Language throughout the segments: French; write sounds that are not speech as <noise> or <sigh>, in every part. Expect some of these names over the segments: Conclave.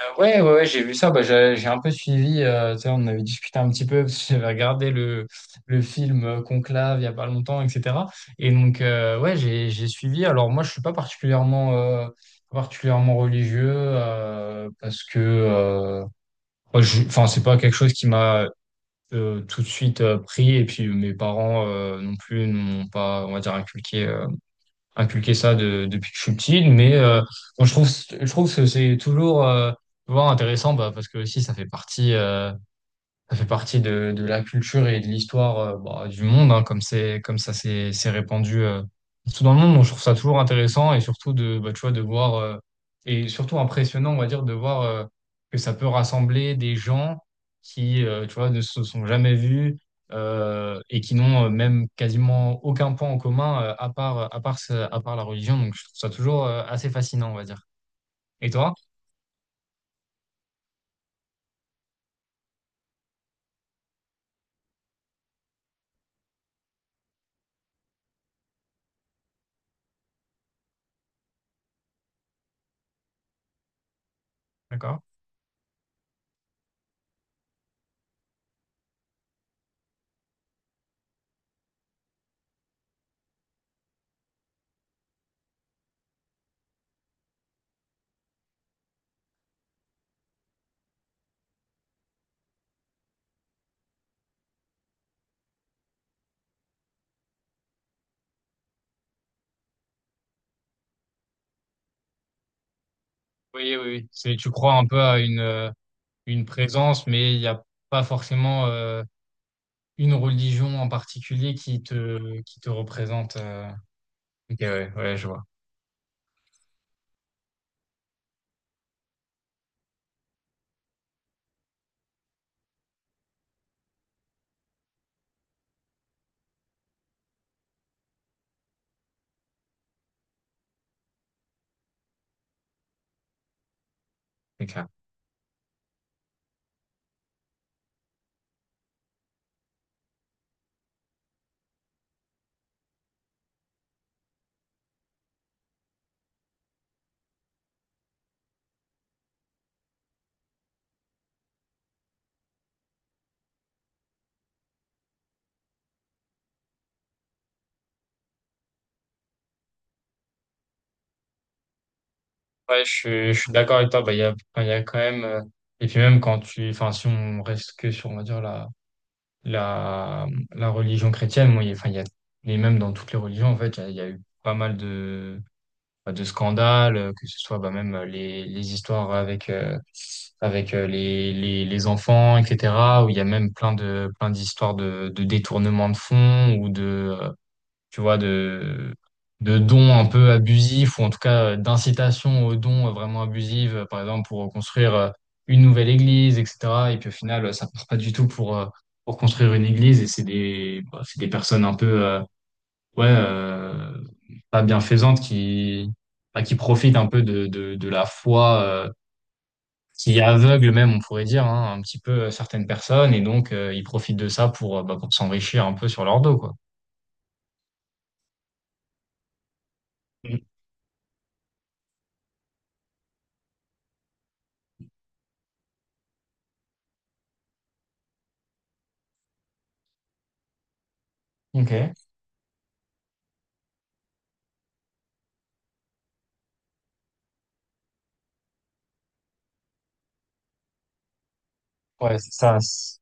Ouais, ouais, ouais, j'ai vu ça. Bah, j'ai un peu suivi. Tu sais, on avait discuté un petit peu parce que j'avais regardé le film Conclave il y a pas longtemps, etc. Et donc, ouais, j'ai suivi. Alors, moi, je suis pas particulièrement, particulièrement religieux, parce que, moi, enfin, c'est pas quelque chose qui m'a tout de suite pris. Et puis, mes parents non plus n'ont pas, on va dire, inculqué ça depuis que je suis petit, mais bon, je trouve que c'est toujours tu intéressant, bah, parce que aussi ça fait partie. Ça fait partie de la culture et de l'histoire, bah, du monde, hein, comme c'est comme ça c'est répandu partout dans le monde. Donc, je trouve ça toujours intéressant et surtout de bah, tu vois de voir, et surtout impressionnant, on va dire, de voir, que ça peut rassembler des gens qui, tu vois, ne se sont jamais vus, et qui n'ont, même quasiment aucun point en commun, à part la religion. Donc je trouve ça toujours assez fascinant, on va dire. Et toi? D'accord? Oui, oui, oui. C'est tu crois un peu à une présence, mais il n'y a pas forcément une religion en particulier qui te représente. Ok, ouais, ouais, je vois, c'est clair. Ouais, je suis d'accord avec toi. Bah, il y a, enfin, il y a quand même, et puis même quand tu, enfin, si on reste que sur, on va dire, la religion chrétienne, moi, enfin, il y a, et même dans toutes les religions, en fait, il y a eu pas mal de, bah, de scandales, que ce soit bah, même les histoires avec, les enfants, etc., où il y a même plein de, plein d'histoires de détournement de fonds ou de, tu vois, de dons un peu abusifs ou en tout cas d'incitation aux dons vraiment abusives, par exemple pour construire une nouvelle église, etc. Et puis au final, ça part pas du tout pour construire une église et c'est des, bah, c'est des personnes un peu... ouais, pas bienfaisante qui, bah, qui profite un peu de, de la foi, qui aveugle même, on pourrait dire, hein, un petit peu, certaines personnes, et donc ils profitent de ça pour, bah, pour s'enrichir un peu sur leur dos, quoi. Mm. Ok. Ouais, c'est ça.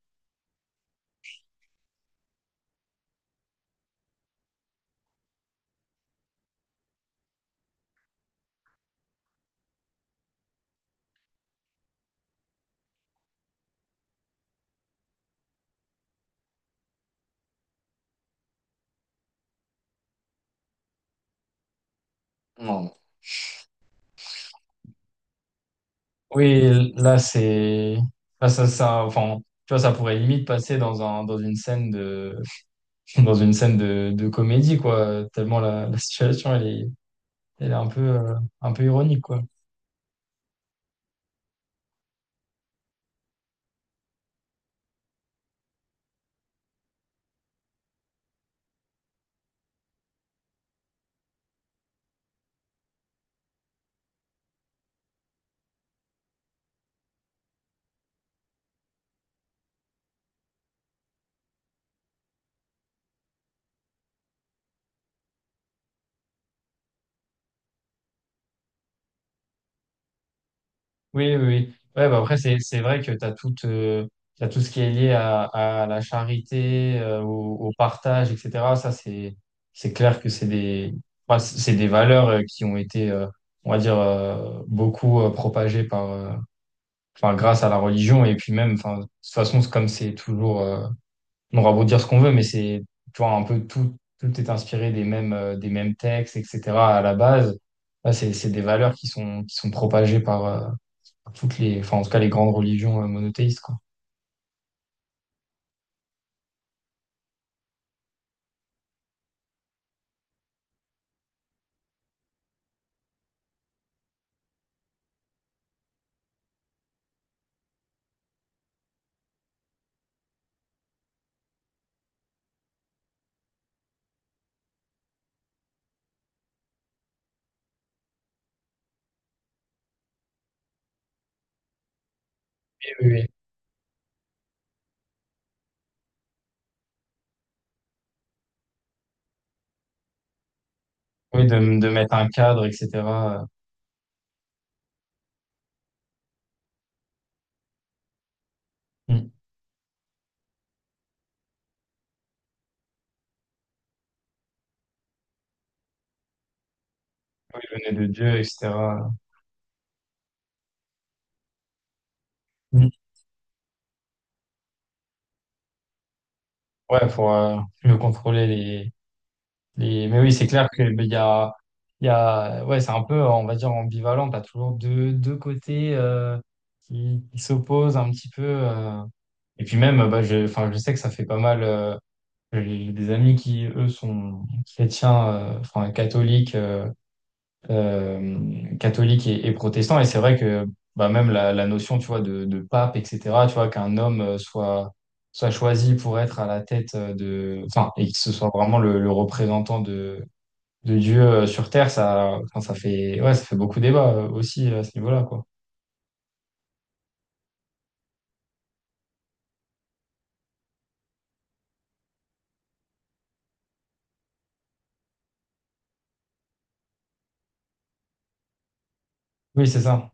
Non. Oui, là, c'est. Là, ça, enfin, tu vois, ça pourrait limite passer dans un, dans une scène de, <laughs> dans une scène de comédie, quoi, tellement la situation, elle est un peu ironique, quoi. Oui, oui, oui. Ouais, bah après, c'est vrai que tu as tout, t'as tout ce qui est lié à la charité, au partage, etc. Ça, c'est clair que c'est des, enfin, c'est des valeurs, qui ont été, on va dire, beaucoup propagées par, enfin, grâce à la religion. Et puis même, enfin, de toute façon, c'est comme c'est toujours, on aura beau dire ce qu'on veut, mais c'est, tu vois, un peu tout, tout est inspiré des mêmes, des mêmes textes, etc. à la base. Là, c'est des valeurs qui sont propagées par, toutes les, enfin, en tout cas, les grandes religions, monothéistes, quoi. Oui, oui, oui. Oui, de mettre un cadre, etc. euh, Mm. Qui venait de Dieu, etc. Mm. Ouais, pour mieux contrôler les... Mais oui, c'est clair que ben, il y a... Ouais, c'est un peu, on va dire, ambivalent. T'as toujours deux côtés, qui s'opposent un petit peu. Et puis même, bah, je, enfin, je sais que ça fait pas mal... J'ai des amis qui, eux, sont chrétiens, enfin, catholiques, catholique et protestant. Et c'est vrai que bah, même la notion, tu vois, de pape, etc., tu vois, qu'un homme, soit choisi pour être à la tête, de... Enfin, et que ce soit vraiment le représentant de Dieu, sur Terre, ça, enfin, ça fait, ouais, ça fait beaucoup débat, aussi à ce niveau-là, quoi. Oui, c'est ça,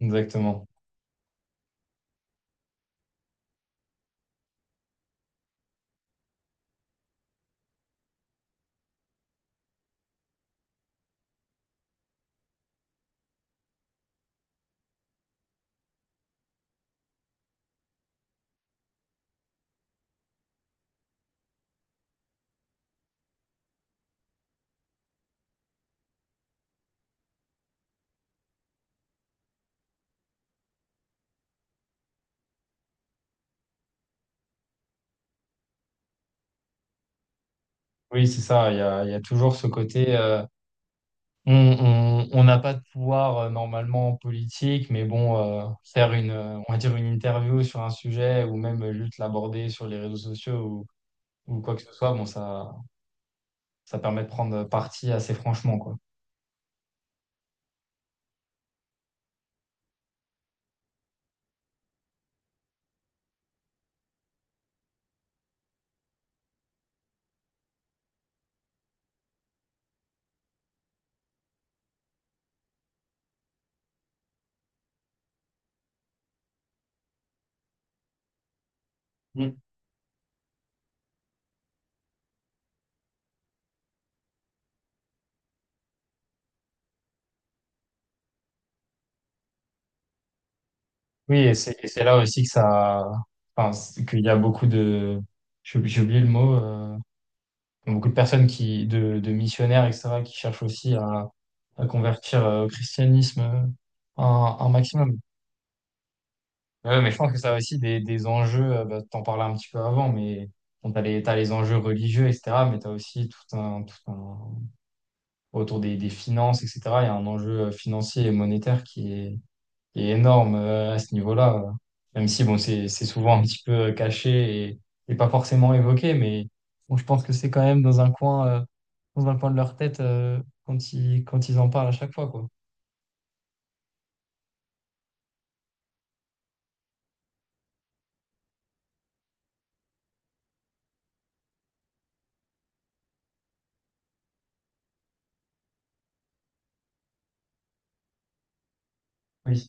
exactement. Oui, c'est ça, il y a toujours ce côté... On n'a pas de pouvoir, normalement en politique, mais bon, faire une, on va dire une interview sur un sujet ou même juste l'aborder sur les réseaux sociaux ou quoi que ce soit, bon, ça permet de prendre parti assez franchement, quoi. Mm. Oui, et c'est là aussi que ça, enfin, qu'il y a beaucoup de, j'ai oublié le mot, beaucoup de personnes qui, de missionnaires, etc., qui cherchent aussi à convertir, au christianisme, un maximum. Ouais, mais je pense que ça a aussi des enjeux, bah, t'en parlais un petit peu avant, mais bon, t'as les enjeux religieux, etc., mais t'as aussi tout un, autour des finances, etc., il y a un enjeu, financier et monétaire qui est énorme, à ce niveau-là, Même si, bon, c'est souvent un petit peu, caché et pas forcément évoqué, mais bon, je pense que c'est quand même dans un coin de leur tête, quand ils en parlent à chaque fois, quoi. Oui.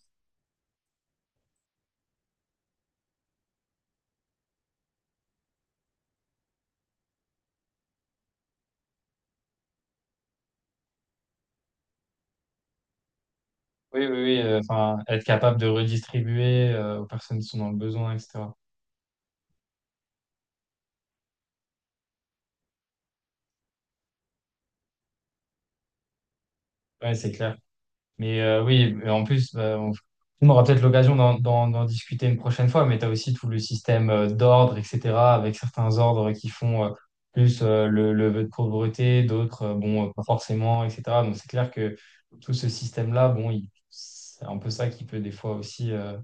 Oui, oui, oui, enfin, être capable de redistribuer, aux personnes qui sont dans le besoin, etc. Ouais, c'est clair. Mais oui, mais en plus, on aura peut-être l'occasion d'en discuter une prochaine fois, mais tu as aussi tout le système, d'ordre, etc., avec certains ordres qui font, plus, le vœu de pauvreté, d'autres, bon, pas forcément, etc. Donc c'est clair que tout ce système-là, bon, c'est un peu ça qui peut des fois aussi,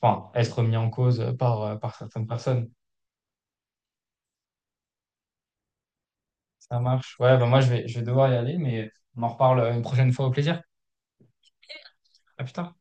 enfin, être mis en cause par certaines personnes. Ça marche. Ouais, bah moi, je vais devoir y aller, mais on en reparle, une prochaine fois. Au plaisir. À plus tard.